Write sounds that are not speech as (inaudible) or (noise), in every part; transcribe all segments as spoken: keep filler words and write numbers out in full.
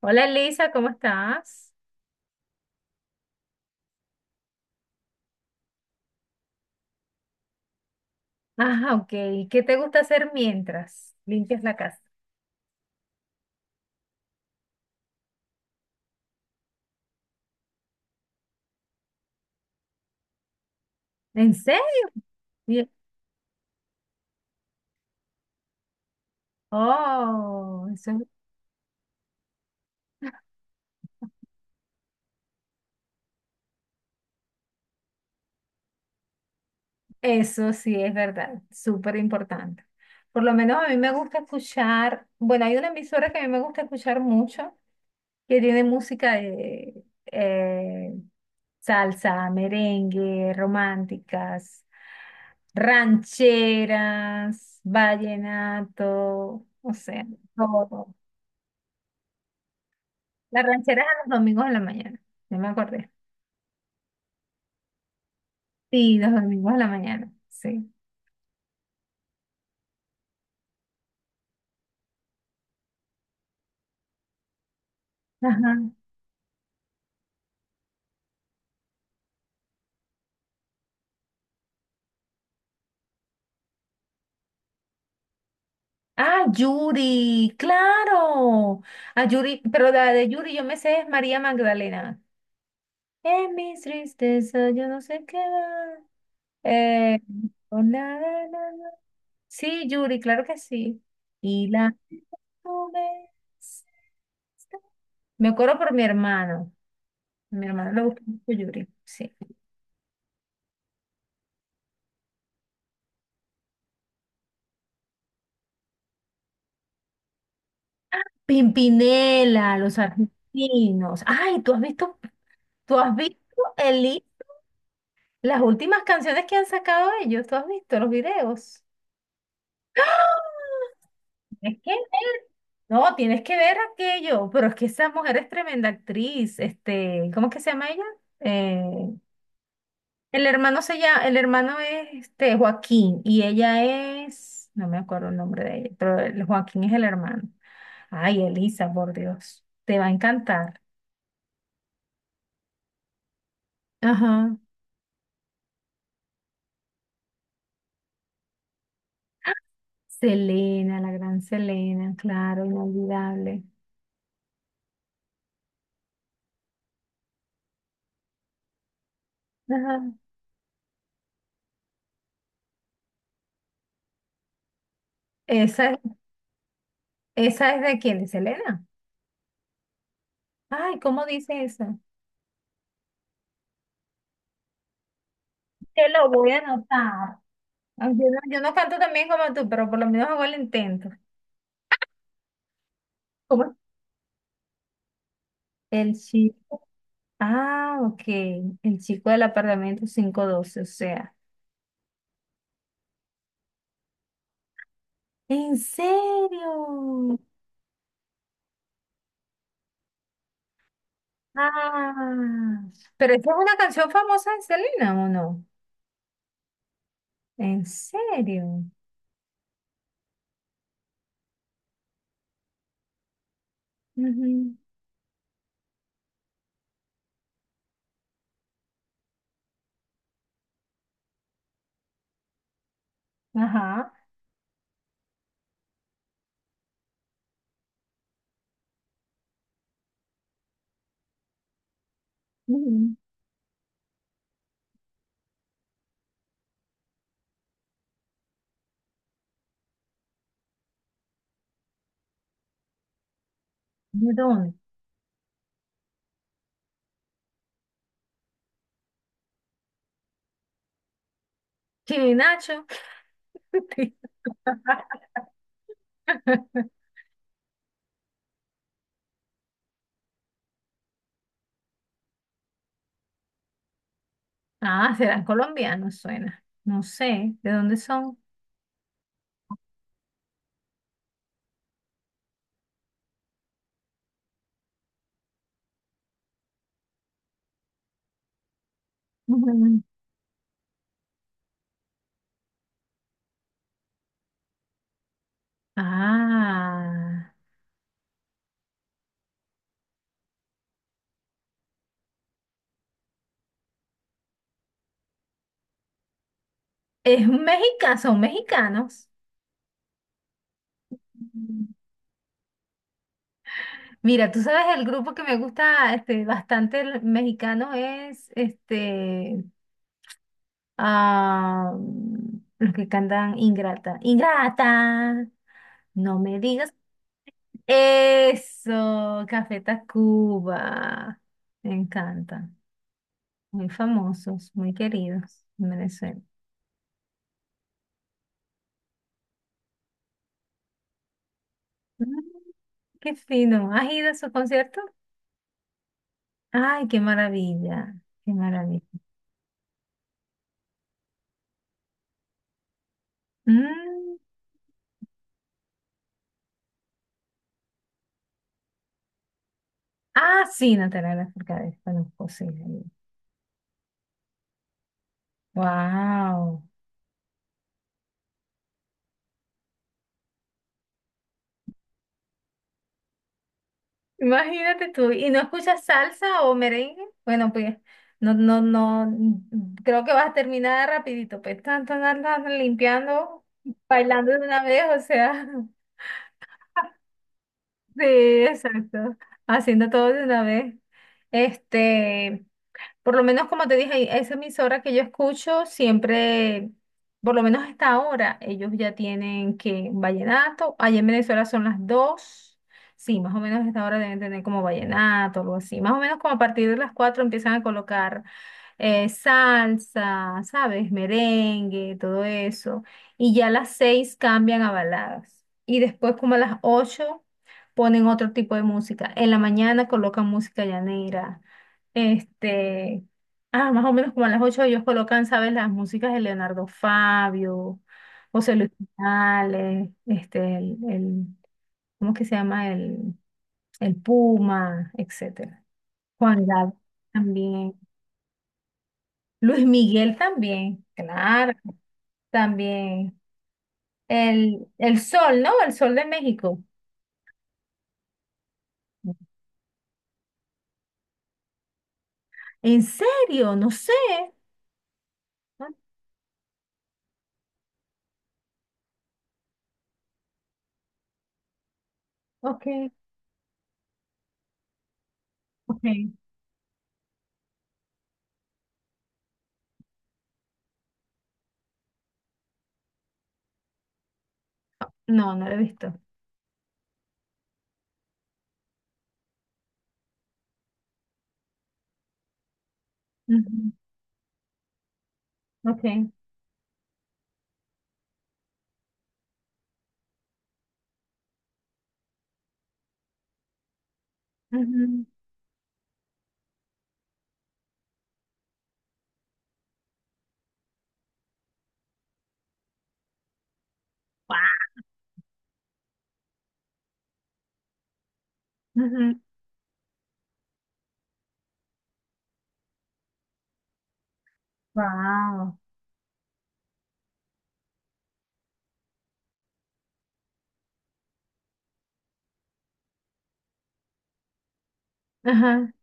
Hola Elisa, ¿cómo estás? Ah, ok. ¿Qué te gusta hacer mientras limpias la casa? ¿En serio? Bien. Oh, eso, eso sí es verdad, súper importante. Por lo menos a mí me gusta escuchar, bueno, hay una emisora que a mí me gusta escuchar mucho, que tiene música de eh, salsa, merengue, románticas, rancheras, vallenato, o sea, todo. Las rancheras eran los domingos de la mañana, ya me acordé. Sí, los domingos de la mañana, sí. Ajá. Ah, Yuri, claro. A Yuri, pero la de Yuri yo me sé es María Magdalena. En mis tristezas yo no sé qué va. Eh, oh, na, na, na, na. Sí, Yuri, claro que sí. Y la... Me acuerdo por mi hermano. A mi hermano le gusta mucho Yuri, sí. Pimpinela, los argentinos. Ay, ¿tú has visto, ¿tú has visto el li- las últimas canciones que han sacado ellos? ¿Tú has visto los videos? ¡Ah! Tienes que ver. No, tienes que ver aquello. Pero es que esa mujer es tremenda actriz. Este, ¿cómo es que se llama ella? Eh, el hermano se llama, el hermano es este Joaquín y ella es, no me acuerdo el nombre de ella, pero el Joaquín es el hermano. Ay, Elisa, por Dios, te va a encantar. Ajá. Selena, la gran Selena, claro, inolvidable. Ajá. Esa, es- esa es de quién, de Selena. Ay, ¿cómo dice esa? Te lo voy a anotar. Ay, Yo no, yo no canto tan bien como tú, pero por lo menos hago el intento. ¿Cómo? El chip. Ah, ok. El chico del apartamento quinientos doce, o sea. ¿En serio? Ah, pero esta es una canción famosa de Selena, ¿o no? ¿En serio? Ujú. Ajá. Ujú. ¿De dónde? Chino y Nacho. (laughs) Ah, serán colombianos, suena. No sé, ¿de dónde son? Ujú. Ah, es un mexica, son mexicanos. Mira, tú sabes, el grupo que me gusta este, bastante el mexicano es este, ah, los que cantan Ingrata. Ingrata, no me digas eso, Café Tacuba. Me encanta. Muy famosos, muy queridos en Venezuela. Mm, qué fino. ¿Has ido a su concierto? Ay, qué maravilla, qué maravilla. Mm, Ah, sí, Natalia Lafourcade, conozco, sí. Wow. Imagínate tú, ¿y no escuchas salsa o merengue? Bueno, pues no, no, no, mm, creo que vas a terminar rapidito, pues tanto andas limpiando, bailando de una vez, o sea, (laughs) sí, exacto, haciendo todo de una vez. Este, por lo menos, como te dije, esa emisora que yo escucho siempre, por lo menos hasta ahora, ellos ya tienen que vallenato. Allá en Venezuela son las dos. Sí, más o menos hasta ahora deben tener como vallenato, algo así. Más o menos como a partir de las cuatro empiezan a colocar eh, salsa, ¿sabes? Merengue, todo eso. Y ya a las seis cambian a baladas. Y después como a las ocho ponen otro tipo de música. En la mañana colocan música llanera. Este, ah, más o menos como a las ocho ellos colocan, ¿sabes? Las músicas de Leonardo Fabio, José Luis Morales, este, el, el- ¿cómo que se llama? El, el Puma, etcétera. Juan Gabriel también. Luis Miguel también, claro, también. El, el Sol, ¿no? El Sol de México. ¿En serio? No sé. Ah, ok, ok. No, no lo he visto. Ujú, ok. Ujú, ujú. Wow. Ajá.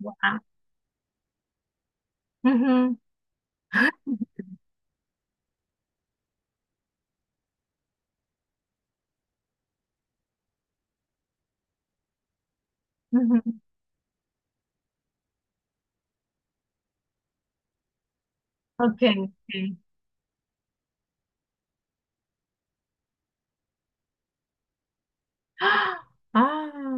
Wow. Ujú. (laughs) Ujú. Ok, ok. ¡Ah! Ah,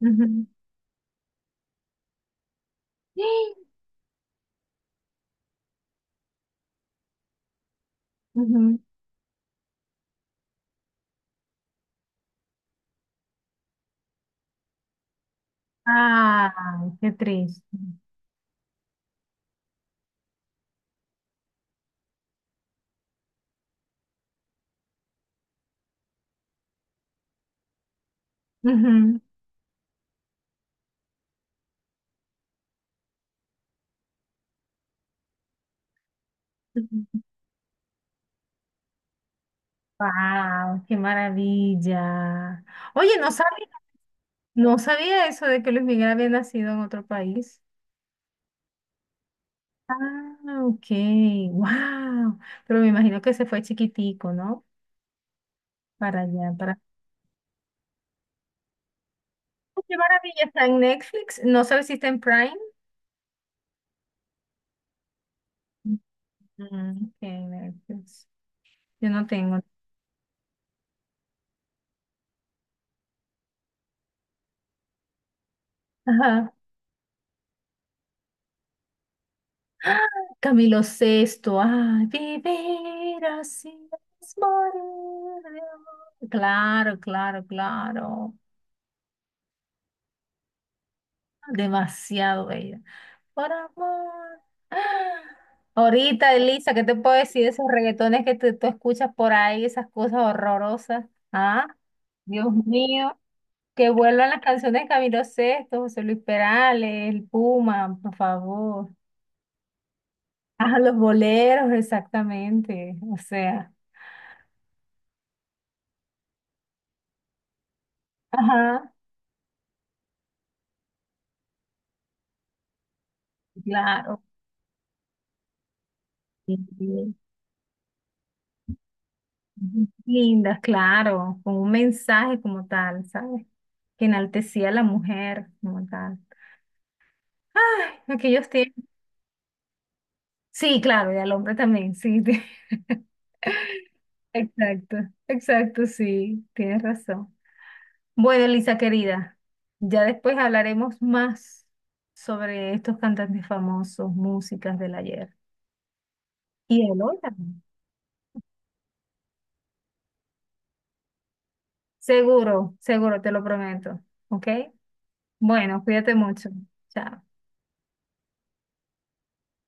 ujú. (gasps) ¡Eh! Ujú. Ay, qué triste. Ujú, ujú. Wow, qué maravilla. Oye, no sabía, no sabía eso de que Luis Miguel había nacido en otro país. Ah, ok, wow. Pero me imagino que se fue chiquitico, ¿no? Para allá, para. Oh, qué maravilla, está en Netflix. No sabes si está en Prime. Mm, ok, Netflix. Yo no tengo. Ajá. ¡Ah! Camilo Sexto. Ay, vivir así es morir de amor. Claro, claro, claro. Demasiado bella. Por amor. Ahorita, Elisa, ¿qué te puedo decir de esos reggaetones que te- tú escuchas por ahí, esas cosas horrorosas? Ah, Dios mío, que vuelvan las canciones de Camilo Sesto, José Luis Perales, el Puma, por favor. Ah, los boleros, exactamente. O sea, ajá, claro. Sí, sí. Lindas, claro, con un mensaje como tal, ¿sabes? Que enaltecía a la mujer como tal. Ay, aquellos tiempos. Sí, claro, y al hombre también, sí. ti- (laughs) Exacto, exacto, sí, tienes razón. Bueno, Elisa querida, ya después hablaremos más sobre estos cantantes famosos, músicas del ayer. Y el hoy también. Seguro, seguro, te lo prometo. ¿Ok? Bueno, cuídate mucho. Chao.